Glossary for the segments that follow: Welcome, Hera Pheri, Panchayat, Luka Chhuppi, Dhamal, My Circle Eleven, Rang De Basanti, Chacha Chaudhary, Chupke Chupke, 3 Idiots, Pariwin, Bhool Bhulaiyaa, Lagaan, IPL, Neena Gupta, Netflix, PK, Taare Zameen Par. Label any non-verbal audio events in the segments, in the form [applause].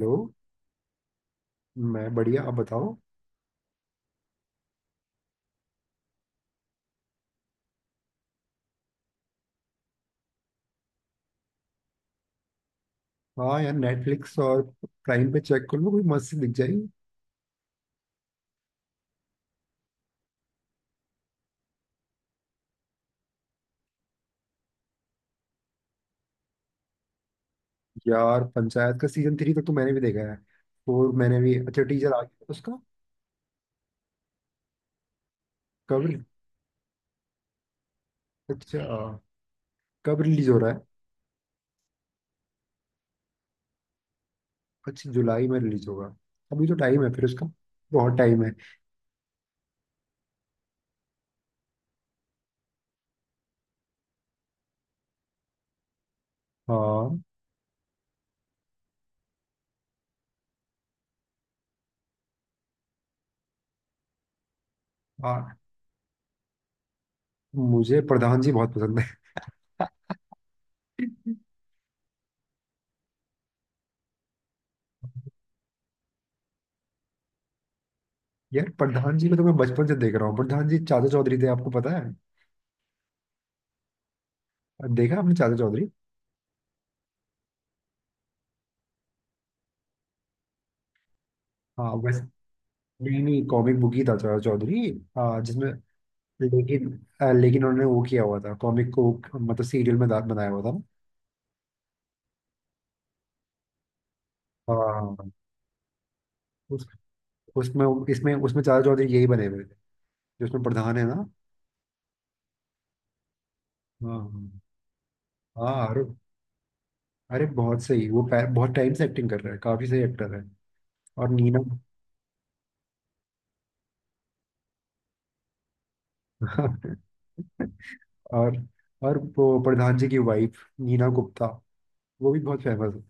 Hello. मैं बढ़िया, आप बताओ। हाँ यार, नेटफ्लिक्स और प्राइम पे चेक कर लो, कोई मस्त सी दिख जाएगी। यार पंचायत का सीजन 3 तक तो मैंने भी देखा है। फोर मैंने भी, अच्छा टीजर आ गया उसका। कब? अच्छा, कब रिलीज हो रहा है? अच्छा, जुलाई में रिलीज होगा। अभी तो टाइम है फिर उसका। बहुत टाइम है। हाँ हाँ। मुझे प्रधान जी बहुत पसंद है। [laughs] यार प्रधान जी को तो मैं बचपन से देख रहा हूँ। प्रधान जी चाचा चौधरी थे, आपको पता है? देखा आपने चाचा चौधरी? हाँ वैसे, नहीं नहीं, कॉमिक बुक ही था चाचा चौधरी। हाँ जिसमें, लेकिन लेकिन उन्होंने वो किया हुआ था, कॉमिक को मतलब सीरियल में बनाया हुआ था ना। हाँ। उस उसमें इसमें उसमें चाचा चौधरी यही बने हुए थे, जो उसमें प्रधान है ना। हाँ हाँ। अरे, अरे बहुत सही वो बहुत टाइम से एक्टिंग कर रहा है, काफी सही एक्टर है। और नीना। [laughs] और वो प्रधान जी की वाइफ नीना गुप्ता, वो भी बहुत फेमस है।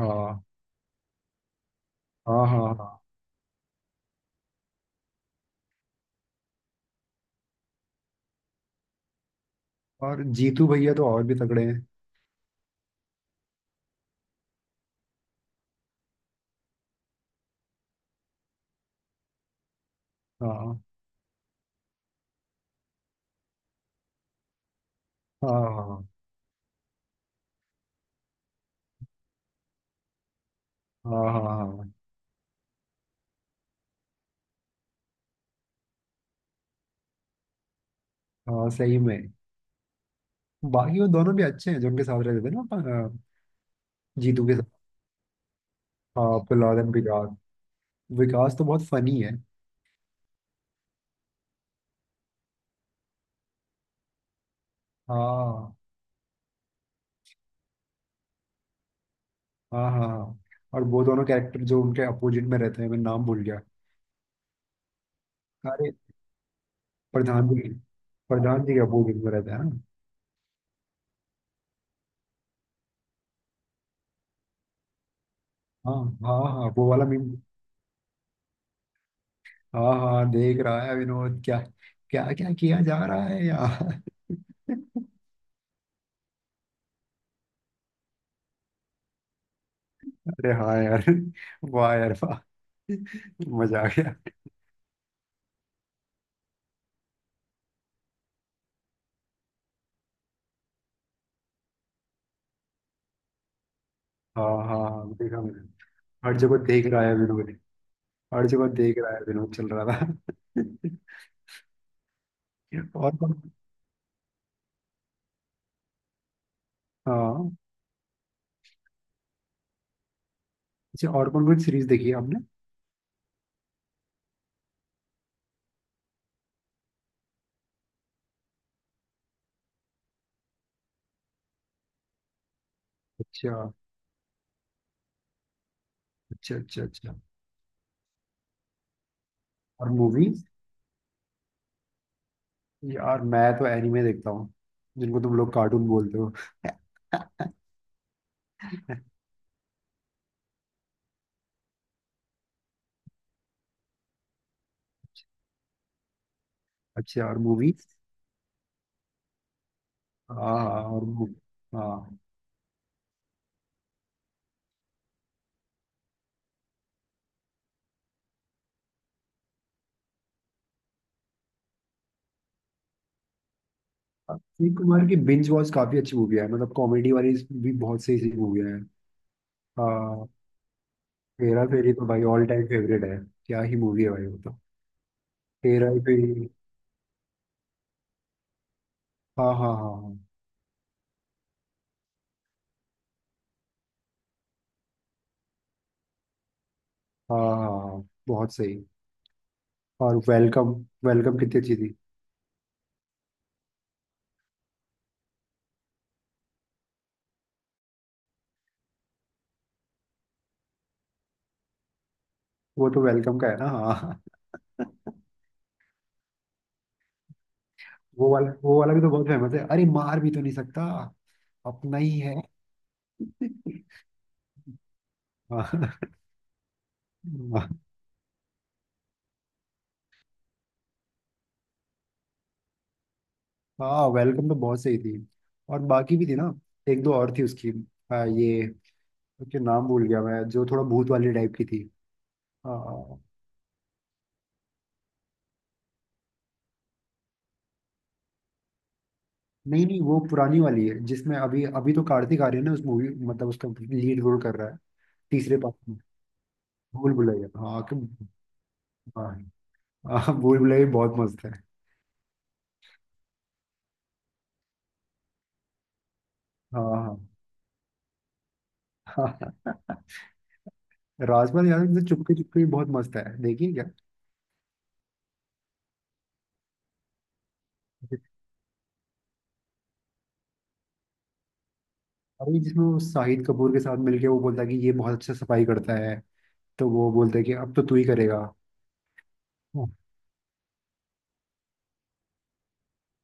हाँ हाँ हाँ हाँ। और जीतू भैया तो और भी तगड़े हैं। हाँ हाँ हाँ हाँ, हाँ हाँ, हाँ, हाँ, सही में। बाकी वो दोनों भी अच्छे हैं जो उनके साथ रहते थे ना अपन, जीतू के साथ। हाँ, प्रहलाद एंड विकास। विकास तो बहुत फनी है। हाँ हाँ हाँ हाँ। और वो दोनों कैरेक्टर जो उनके अपोजिट में रहते हैं, मैं नाम भूल गया। अरे, प्रधान जी प्रधान जी के अपोजिट में रहते हैं ना। हाँ हाँ, हाँ वो वाला मीम। हाँ हाँ, देख रहा है विनोद क्या, क्या क्या किया जा रहा है यार। [laughs] अरे हाँ यार, वाह यार वाह, मजा आ गया। हाँ हाँ हाँ, देखा मैंने। हर जगह देख रहा है विनोद। हर जगह देख रहा है विनोद चल रहा था। [laughs] और कौन? हाँ, अच्छा और कौन कौन सीरीज देखी है आपने? अच्छा अच्छा अच्छा। अच्छा और मूवीज? यार मैं तो एनिमे देखता हूँ, जिनको तुम लोग कार्टून बोलते हो। [laughs] अच्छा और मूवीज? हाँ हाँ, हाँ। अक्षय कुमार की बिंज वॉच काफी अच्छी मूवी है, मतलब कॉमेडी वाली भी बहुत सही सही मूवी है। हाँ हेरा फेरी तो भाई ऑल टाइम फेवरेट है। क्या ही मूवी है भाई वो तो। हेरा फेरी हाँ हाँ हाँ हाँ। हाँ हाँ, हाँ, बहुत सही। और वेलकम, वेलकम कितनी अच्छी थी। वो तो वेलकम का है ना, हाँ। वो वाला भी तो बहुत फेमस है, अरे मार भी तो नहीं सकता, अपना ही है। हाँ। हाँ वेलकम तो बहुत सही थी। और बाकी भी थी ना, एक दो और थी उसकी। ये उसके नाम भूल गया मैं, जो थोड़ा भूत वाली टाइप की थी। आ, नहीं नहीं, वो पुरानी वाली है जिसमें अभी अभी तो कार्तिक आर्यन है उस मूवी, मतलब उसका लीड रोल कर रहा है तीसरे पार्ट में। भूल भुलैया हाँ हाँ। हाँ, भूल भुलैया भी बहुत मस्त है। हाँ हाँ। [laughs] राजपाल यादव की तो चुपके चुपके भी बहुत मस्त है, देखिए क्या। अरे जिसमें वो शाहिद कपूर के साथ मिलके वो बोलता है कि ये बहुत अच्छा सफाई करता है, तो वो बोलता है कि अब तो तू ही करेगा। हाँ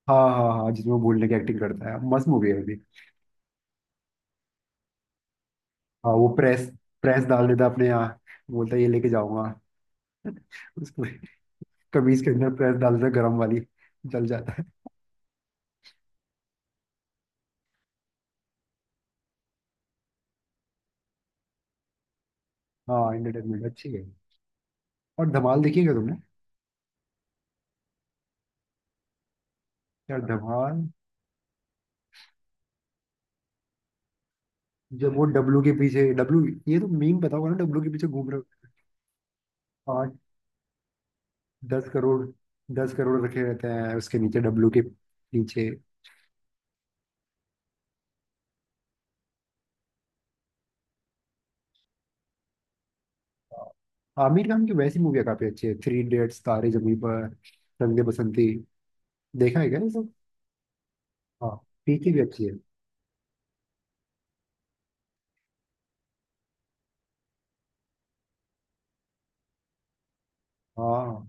हाँ हाँ जिसमें वो बोलने की एक्टिंग करता है, मस्त मूवी है अभी। हाँ वो प्रेस, प्रेस डाल देता है अपने यहाँ, बोलता है ये लेके जाऊंगा। [laughs] उसको कमीज के अंदर प्रेस डाल देता है गरम वाली, जल जाता है। हाँ एंटरटेनमेंट अच्छी है। और धमाल देखिएगा तुमने? यार धमाल, जब वो डब्लू के पीछे डब्लू, ये तो मीम पता होगा ना, डब्लू के पीछे घूम रहे हो। 8-10 करोड़, 10 करोड़ रखे रहते हैं उसके नीचे डब्लू के पीछे। आमिर खान की वैसी मूवियाँ काफी अच्छी है, थ्री इडियट्स, तारे जमीन पर, रंग दे बसंती, देखा है क्या ये सब? हाँ, पीके भी अच्छी है। हाँ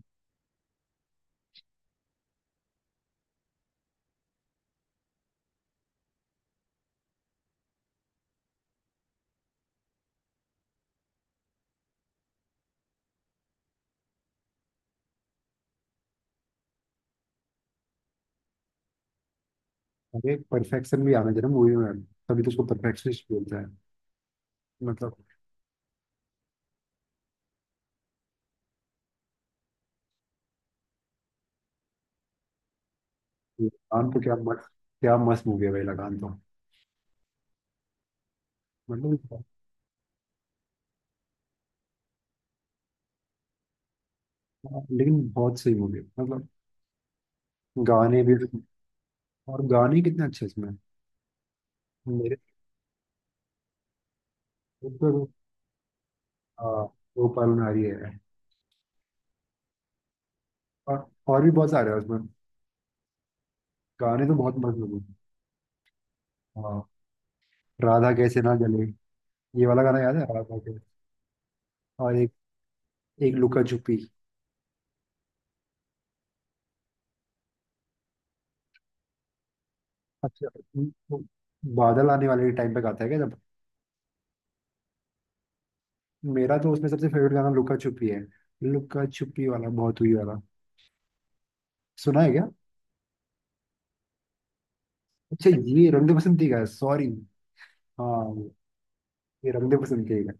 अरे परफेक्शन भी आना चाहिए मूवी में, तभी तो उसको परफेक्शनिस्ट बोलते हैं। मतलब लगान तो क्या मस्त, क्या मस्त मूवी है भाई लगान तो। मतलब लेकिन बहुत सही मूवी है मतलब। गाने भी, और गाने कितने अच्छे इसमें। मेरे ऊपर, हाँ गोपाल नारी है। और और भी बहुत सारे हैं उसमें। गाने तो बहुत मस्त लगे। हाँ राधा कैसे ना जले, ये वाला गाना याद है राधा के। और एक, लुका छुपी। अच्छा वो बादल आने वाले टाइम पे गाता है क्या, जब? मेरा तो उसमें सबसे फेवरेट गाना लुका छुपी है, लुका छुपी वाला बहुत हुई वाला, सुना है क्या? अच्छा ये रंग दे बसंती का है, सॉरी। हाँ ये रंग दे बसंती का है।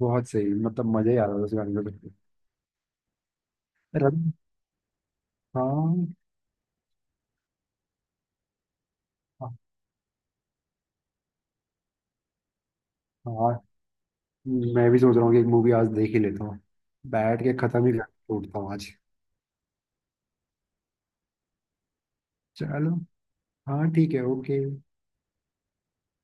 बहुत सही, मतलब मजा ही आ रहा था उस गाने में। रंग, हाँ हाँ। हाँ मैं भी सोच रहा हूँ कि एक मूवी आज देख ही लेता हूँ, बैठ के खत्म ही कर छोड़ता हूँ आज। चलो हाँ ठीक है, ओके।